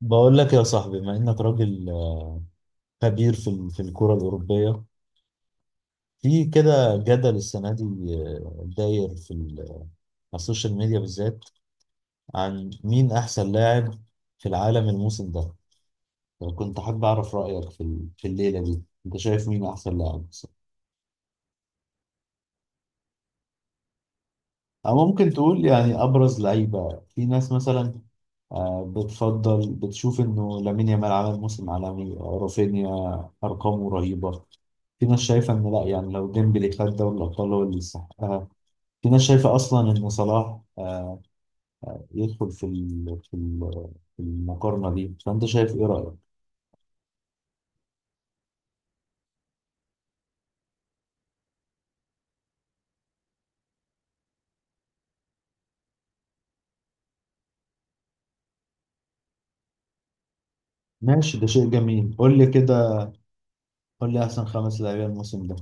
بقول لك يا صاحبي بما انك راجل خبير في الكرة الأوروبية في كده جدل السنة دي، آه، داير في ال- على السوشيال ميديا بالذات عن مين أحسن لاعب في العالم الموسم ده. كنت حابب أعرف رأيك في الليلة دي، أنت شايف مين أحسن لاعب مثلا؟ أو ممكن تقول يعني أبرز لعيبة في ناس مثلا. بتفضل بتشوف إنه لامين يامال عمل موسم عالمي، رافينيا أرقامه رهيبة، في ناس شايفة إن لأ، يعني لو ديمبلي خد دوري الأبطال هو اللي يستحقها، في ناس شايفة أصلا إن صلاح آه، يدخل في ال- في ال- في المقارنة دي، فأنت شايف إيه رأيك؟ ماشي، ده شيء جميل، قول لي كده قول لي أحسن خمس لاعبين الموسم ده.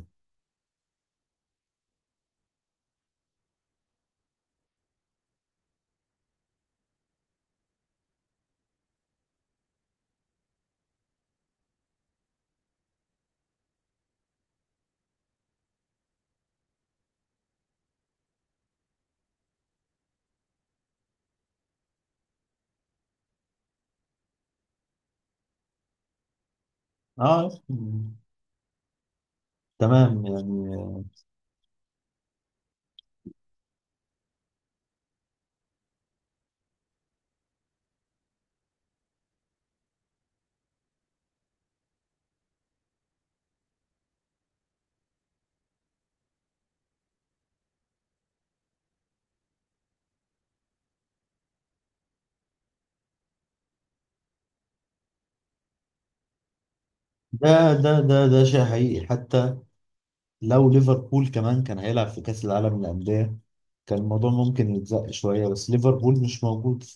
آه، تمام يعني. ده ده شيء حقيقي حتى. لو ليفربول كمان كان هيلعب في كأس العالم للأندية كان الموضوع ممكن يتزق شوية، بس ليفربول مش موجود في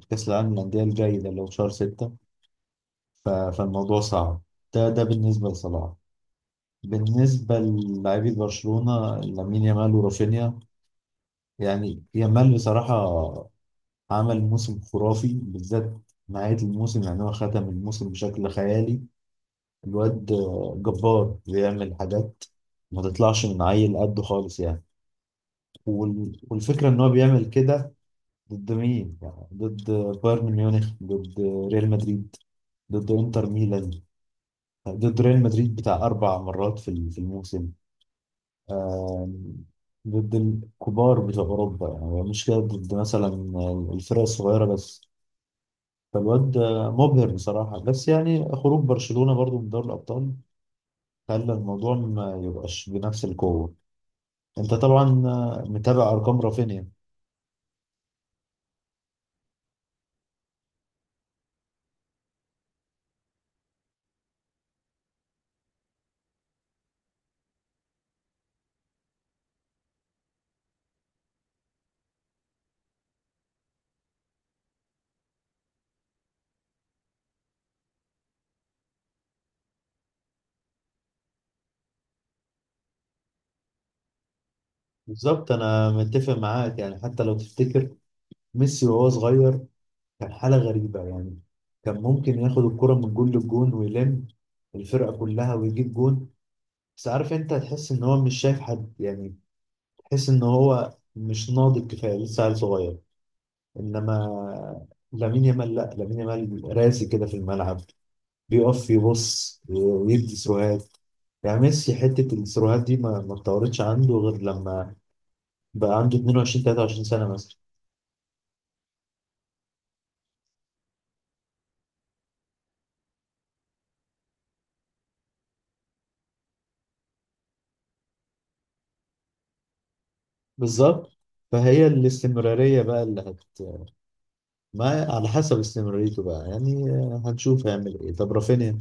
في كأس العالم للأندية الجاي ده اللي هو في شهر ستة، فالموضوع صعب. ده بالنسبة لصلاح. بالنسبة للاعبي برشلونة لامين يامال ورافينيا، يعني يامال بصراحة عمل موسم خرافي، بالذات نهاية الموسم، يعني هو ختم الموسم بشكل خيالي. الواد جبار، بيعمل حاجات ما تطلعش من عيل قده خالص يعني. والفكرة إن هو بيعمل كده ضد مين؟ يعني ضد بايرن ميونخ، ضد ريال مدريد، ضد إنتر ميلان، ضد ريال مدريد بتاع أربع مرات في الموسم، آم، ضد الكبار بتوع أوروبا، يعني هو مش كده ضد مثلا الفرق الصغيرة بس. فالواد مبهر بصراحة، بس يعني خروج برشلونة برضو من دوري الأبطال خلى الموضوع ما يبقاش بنفس القوة. أنت طبعا متابع أرقام رافينيا. بالظبط، انا متفق معاك يعني. حتى لو تفتكر ميسي وهو صغير كان حاله غريبه يعني، كان ممكن ياخد الكره من جون للجون ويلم الفرقه كلها ويجيب جون، بس عارف انت تحس ان هو مش شايف حد يعني، تحس ان هو مش ناضج كفايه لسه عيل صغير. انما لامين يامال لا، لامين يامال راسي كده في الملعب، بيقف يبص ويدي سروهات. يعني ميسي حته السروهات دي ما اتطورتش عنده غير لما بقى عنده 22 23 سنه مثلا. بالظبط، فهي الاستمرارية بقى اللي هت. ما على حسب استمراريته بقى، يعني هنشوف هيعمل ايه. طب رافينيا،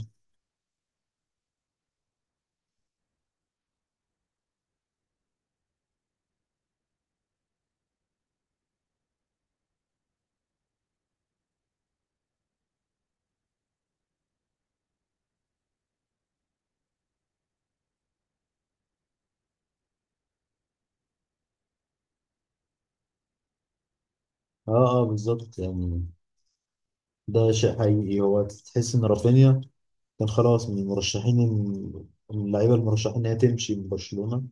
اه اه بالظبط يعني. ده شيء حقيقي، هو تحس ان رافينيا كان خلاص من المرشحين، من اللعيبة المرشحين انها تمشي من برشلونة،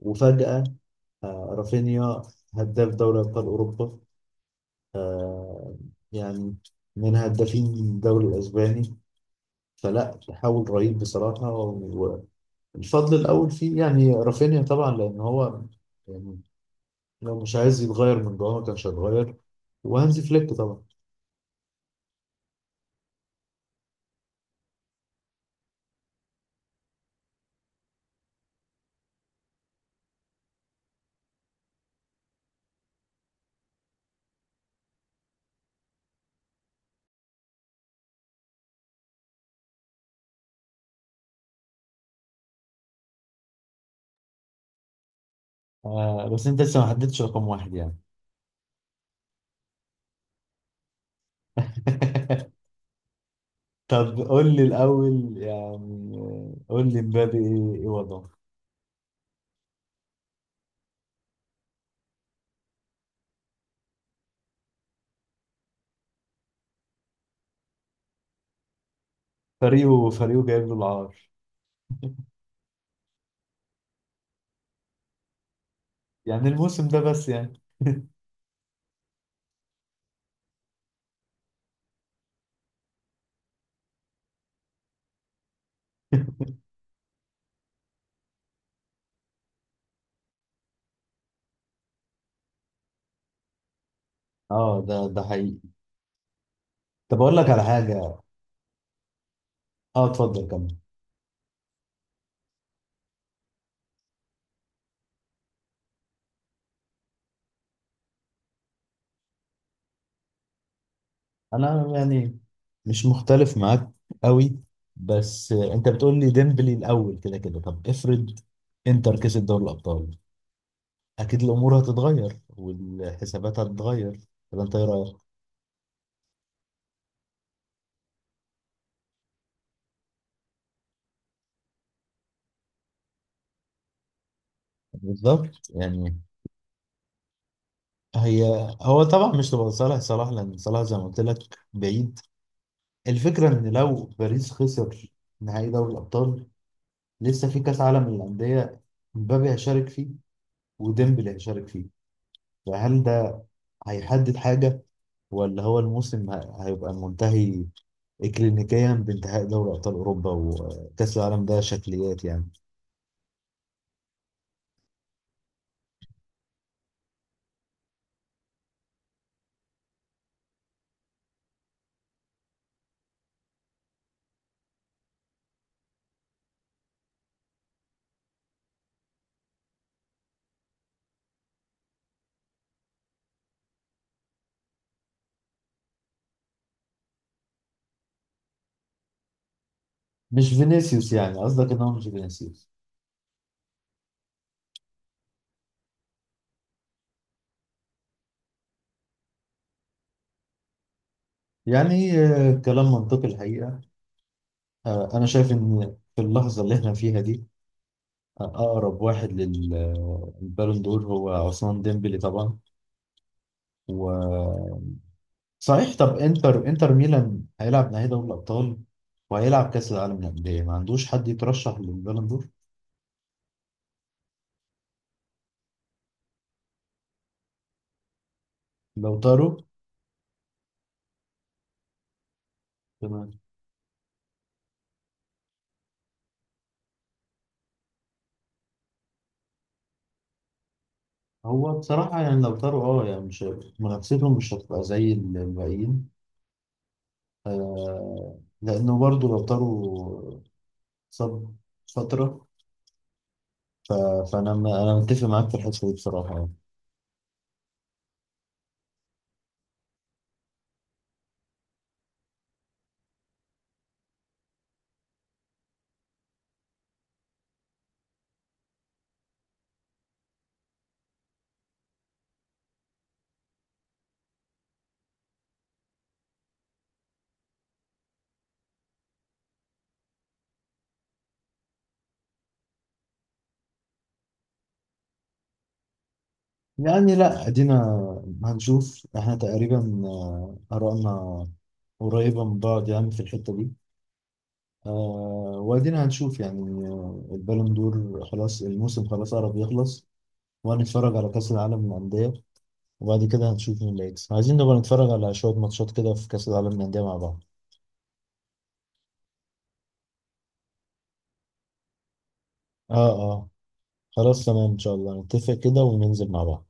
وفجأة آه رافينيا هداف دوري ابطال اوروبا، آه، يعني من هدافين الدوري الاسباني. فلا تحول رهيب بصراحة. الفضل الأول فيه يعني رافينيا طبعا، لأن هو يعني لو مش عايز يتغير من جوه ما كانش هيتغير، وهانزي فليك طبعا. آه، بس انت لسه ما حددتش رقم واحد يعني. طب قول لي الاول يعني، قول لي مبابي ايه، إيه وضعه؟ فريقه جايب له العار يعني الموسم ده بس يعني. اه، ده ده حقيقي. طب اقول لك على حاجه. اه، اتفضل كمل. انا يعني مش مختلف معاك قوي، بس انت بتقول لي ديمبلي الاول كده كده. طب افرض انتر كسب دوري الابطال، اكيد الامور هتتغير والحسابات هتتغير. طب انت ايه رايك؟ بالظبط يعني. هي هو طبعا مش تبقى صالح صلاح، لان صلاح زي ما قلت لك بعيد. الفكره ان لو باريس خسر نهائي دوري الابطال، لسه في كاس عالم للانديه، مبابي هيشارك فيه وديمبلي هيشارك فيه، فهل ده هيحدد حاجه، ولا هو الموسم هيبقى منتهي اكلينيكيا بانتهاء دوري ابطال اوروبا، وكاس العالم ده شكليات يعني. مش فينيسيوس يعني، قصدك ان هو مش فينيسيوس. يعني كلام منطقي الحقيقه. انا شايف ان في اللحظه اللي احنا فيها دي، اقرب واحد للبالون دور هو عثمان ديمبلي طبعا. و صحيح، طب انتر ميلان هيلعب نهائي دوري الابطال وهيلعب كاس العالم للانديه، ما عندوش حد يترشح للبالون دور. لو طاروا. تمام. هو بصراحة يعني لو طاروا اه يعني مش، منافستهم مش هتبقى زي الباقيين. آه، لأنه برضو لو طاروا صاب فترة. ف... أنا متفق معاك في الحتة دي بصراحة يعني. يعني لا، أدينا هنشوف. إحنا تقريبا آرائنا قريبة من بعض يعني في الحتة دي. آه، وأدينا هنشوف يعني، البالون دور خلاص، الموسم خلاص قرب يخلص، وهنتفرج على كأس العالم للأندية، وبعد كده هنشوف مين اللي هيكسب. عايزين نبقى نتفرج على شوية ماتشات كده في كأس العالم للأندية مع بعض. اه اه، خلاص تمام ان شاء الله نتفق كده وننزل مع بعض.